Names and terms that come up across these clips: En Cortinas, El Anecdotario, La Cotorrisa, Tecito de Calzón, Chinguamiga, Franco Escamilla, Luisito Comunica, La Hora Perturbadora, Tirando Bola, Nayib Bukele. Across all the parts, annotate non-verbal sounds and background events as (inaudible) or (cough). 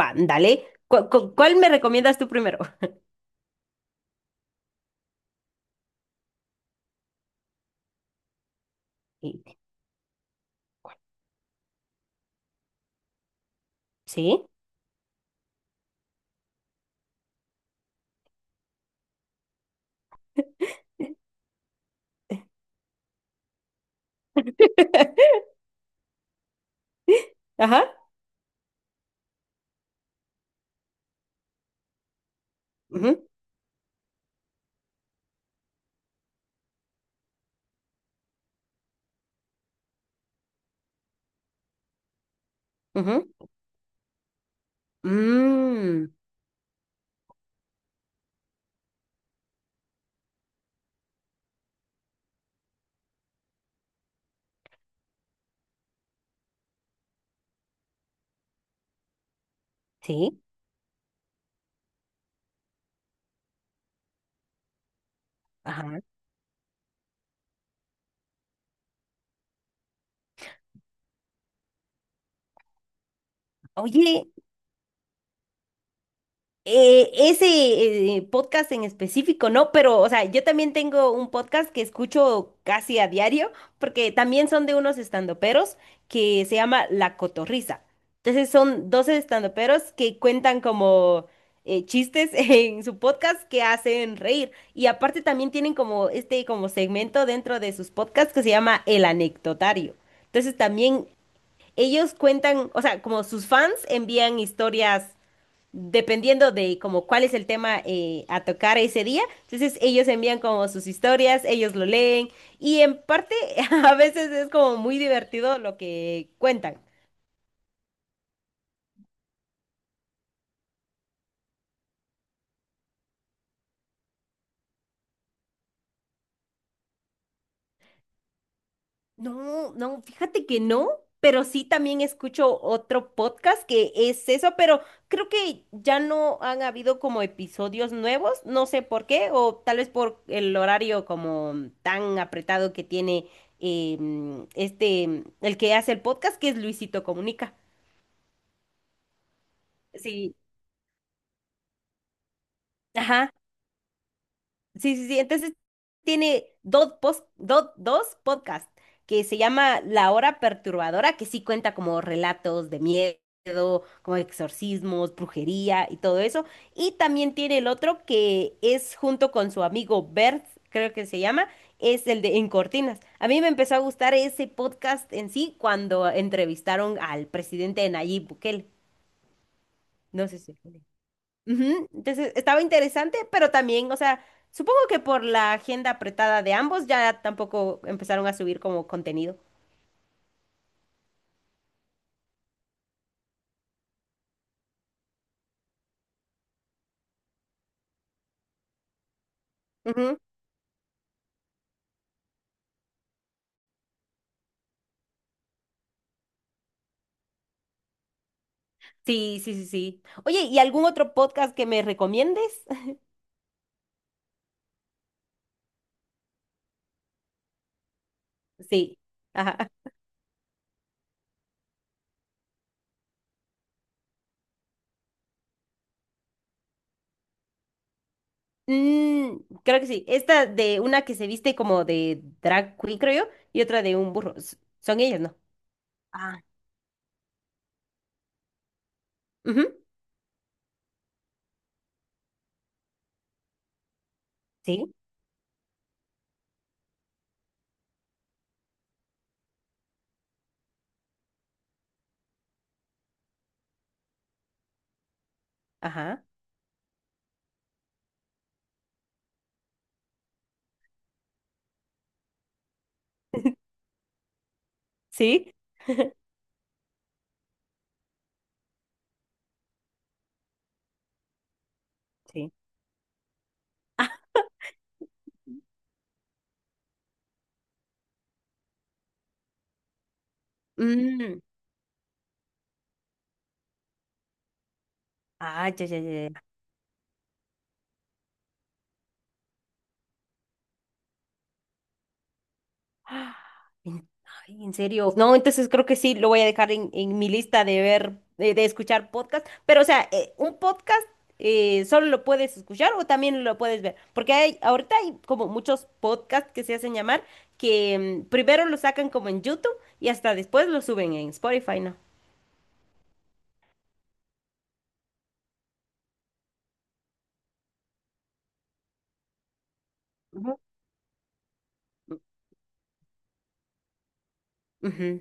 Va, dale. ¿Cuál me recomiendas tú primero? Y- ¿Sí? (laughs) Ajá. Ujú. Ujú. Mm. Sí. Ajá. Oye, ese podcast en específico, ¿no? Pero, o sea, yo también tengo un podcast que escucho casi a diario, porque también son de unos estandoperos que se llama La Cotorrisa. Entonces son 12 estandoperos que cuentan como chistes (laughs) en su podcast que hacen reír. Y aparte también tienen como este como segmento dentro de sus podcasts que se llama El Anecdotario. Entonces también ellos cuentan, o sea, como sus fans envían historias dependiendo de como cuál es el tema a tocar ese día. Entonces ellos envían como sus historias, ellos lo leen y en parte (laughs) a veces es como muy divertido lo que cuentan. No, no, fíjate que no, pero sí también escucho otro podcast que es eso, pero creo que ya no han habido como episodios nuevos, no sé por qué, o tal vez por el horario como tan apretado que tiene este, el que hace el podcast, que es Luisito Comunica. Sí, ajá, sí, sí, sí. Entonces tiene dos, dos podcasts que se llama La Hora Perturbadora, que sí cuenta como relatos de miedo, como exorcismos, brujería y todo eso. Y también tiene el otro que es junto con su amigo Bert, creo que se llama, es el de En Cortinas. A mí me empezó a gustar ese podcast en sí cuando entrevistaron al presidente Nayib Bukele. No sé si... Ujú. Entonces estaba interesante, pero también, o sea, supongo que por la agenda apretada de ambos ya tampoco empezaron a subir como contenido. Ujú. Sí, sí, sí, sí. Oye, ¿y algún otro podcast que me recomiendes? (laughs) Sí. Ajá. Mm, creo que sí. Esta de una que se viste como de drag queen, creo yo, y otra de un burro. Son ellas, ¿no? Ah. Ujú. Sí. Ajá. Sí. Sí. Mm. Ah, ya, ya, ya. Ah, en, ay, en serio. No, entonces creo que sí, lo voy a dejar en mi lista de ver, de escuchar podcast. Pero, o sea, un podcast solo lo puedes escuchar o también lo puedes ver. Porque hay, ahorita hay como muchos podcasts que se hacen llamar que mm, primero lo sacan como en YouTube y hasta después lo suben en Spotify, ¿no? Ujú. Ujú.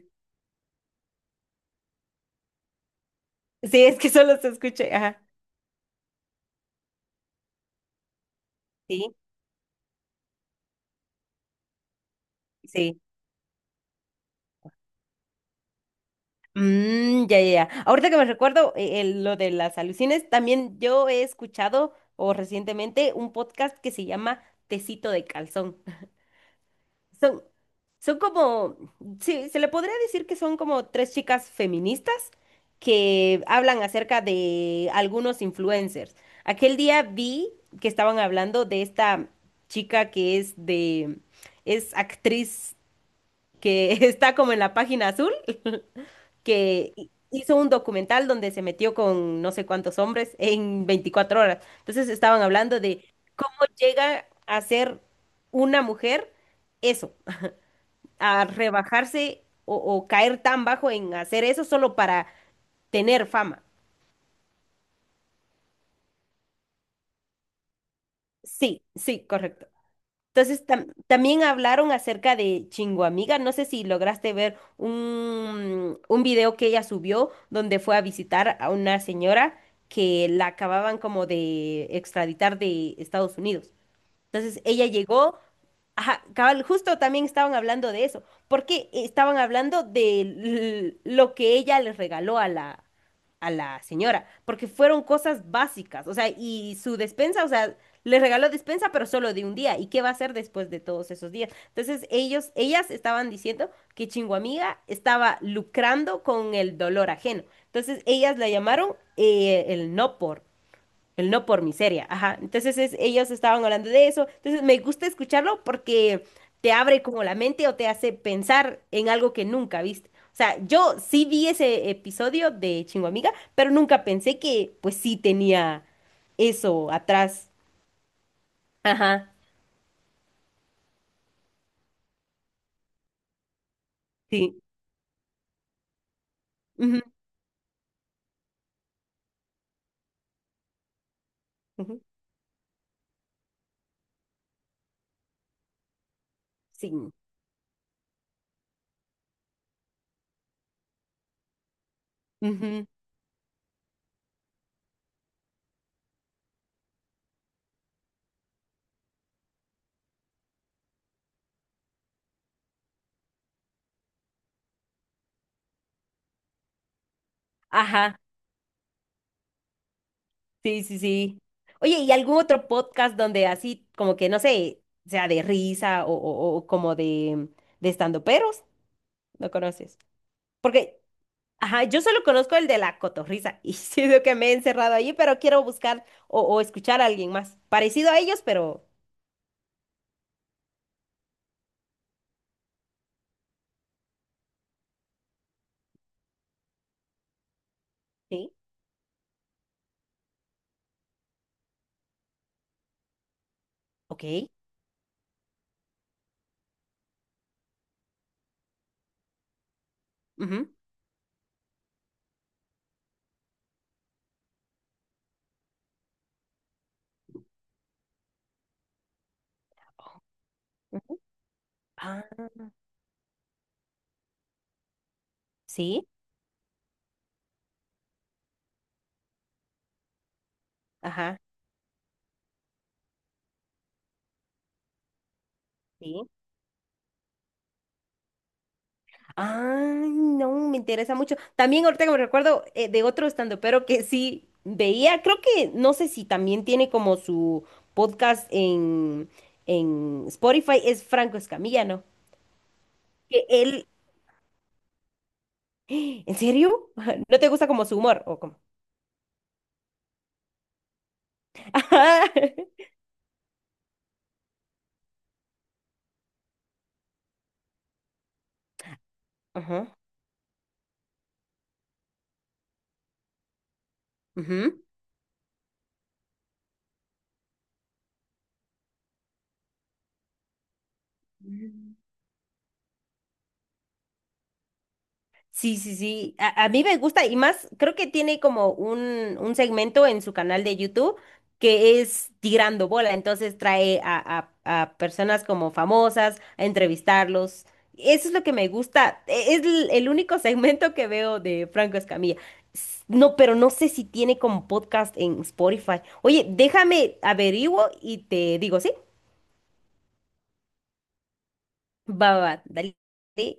Sí, es que solo se escucha. Ajá. Sí, sí. Mm, ya, ya, ya. Ahorita que me recuerdo lo de las alucines, también yo he escuchado o recientemente un podcast que se llama Tecito de Calzón. (laughs) Son, son como, sí, se le podría decir que son como tres chicas feministas que hablan acerca de algunos influencers. Aquel día vi que estaban hablando de esta chica que es de, es actriz que (laughs) está como en la página azul que hizo un documental donde se metió con no sé cuántos hombres en 24 horas. Entonces estaban hablando de cómo llega a ser una mujer eso, a rebajarse o caer tan bajo en hacer eso solo para tener fama. Sí, sí, correcto. Entonces, también hablaron acerca de Chinguamiga. No sé si lograste ver un video que ella subió donde fue a visitar a una señora que la acababan como de extraditar de Estados Unidos. Entonces ella llegó, ajá, cabal, justo también estaban hablando de eso, porque estaban hablando de lo que ella les regaló a la señora, porque fueron cosas básicas, o sea, y su despensa, o sea, le regaló despensa, pero solo de un día, ¿y qué va a hacer después de todos esos días? Entonces ellos, ellas estaban diciendo que Chinguamiga estaba lucrando con el dolor ajeno, entonces ellas la llamaron el no por. El no por miseria, ajá. Entonces ellos estaban hablando de eso. Entonces me gusta escucharlo porque te abre como la mente o te hace pensar en algo que nunca viste. O sea, yo sí vi ese episodio de chingo amiga pero nunca pensé que pues sí tenía eso atrás. Ajá, sí. Ujú. Ujú. Sí. Ujú. Ajá, sí, sí, sí. Oye, ¿y algún otro podcast donde así como que, no sé, sea de risa o, o como de estandoperos? ¿No conoces? Porque, ajá, yo solo conozco el de la cotorrisa y (laughs) siento que me he encerrado allí, pero quiero buscar o escuchar a alguien más. Parecido a ellos, pero... Sí, ok. Ujú. Ujú. Ah, sí, ajá, sí. Ay, no, me interesa mucho. También ahorita que me recuerdo de otro pero que sí veía, creo que, no sé si también tiene como su podcast en Spotify, es Franco Escamilla, ¿no? Que él, ¿en serio? (laughs) ¿No te gusta como su humor? ¿O cómo? (laughs) Ajá. Ajá. Ujú. Mm. Sí, sí, sí. A mí me gusta y más, creo que tiene como un segmento en su canal de YouTube que es Tirando Bola. Entonces trae a personas como famosas a entrevistarlos. Eso es lo que me gusta. Es el único (laughs) segmento que veo de Franco Escamilla. No, pero no sé si tiene como podcast en Spotify. Oye, déjame averiguo y te digo, ¿sí? Va, va, va, dale.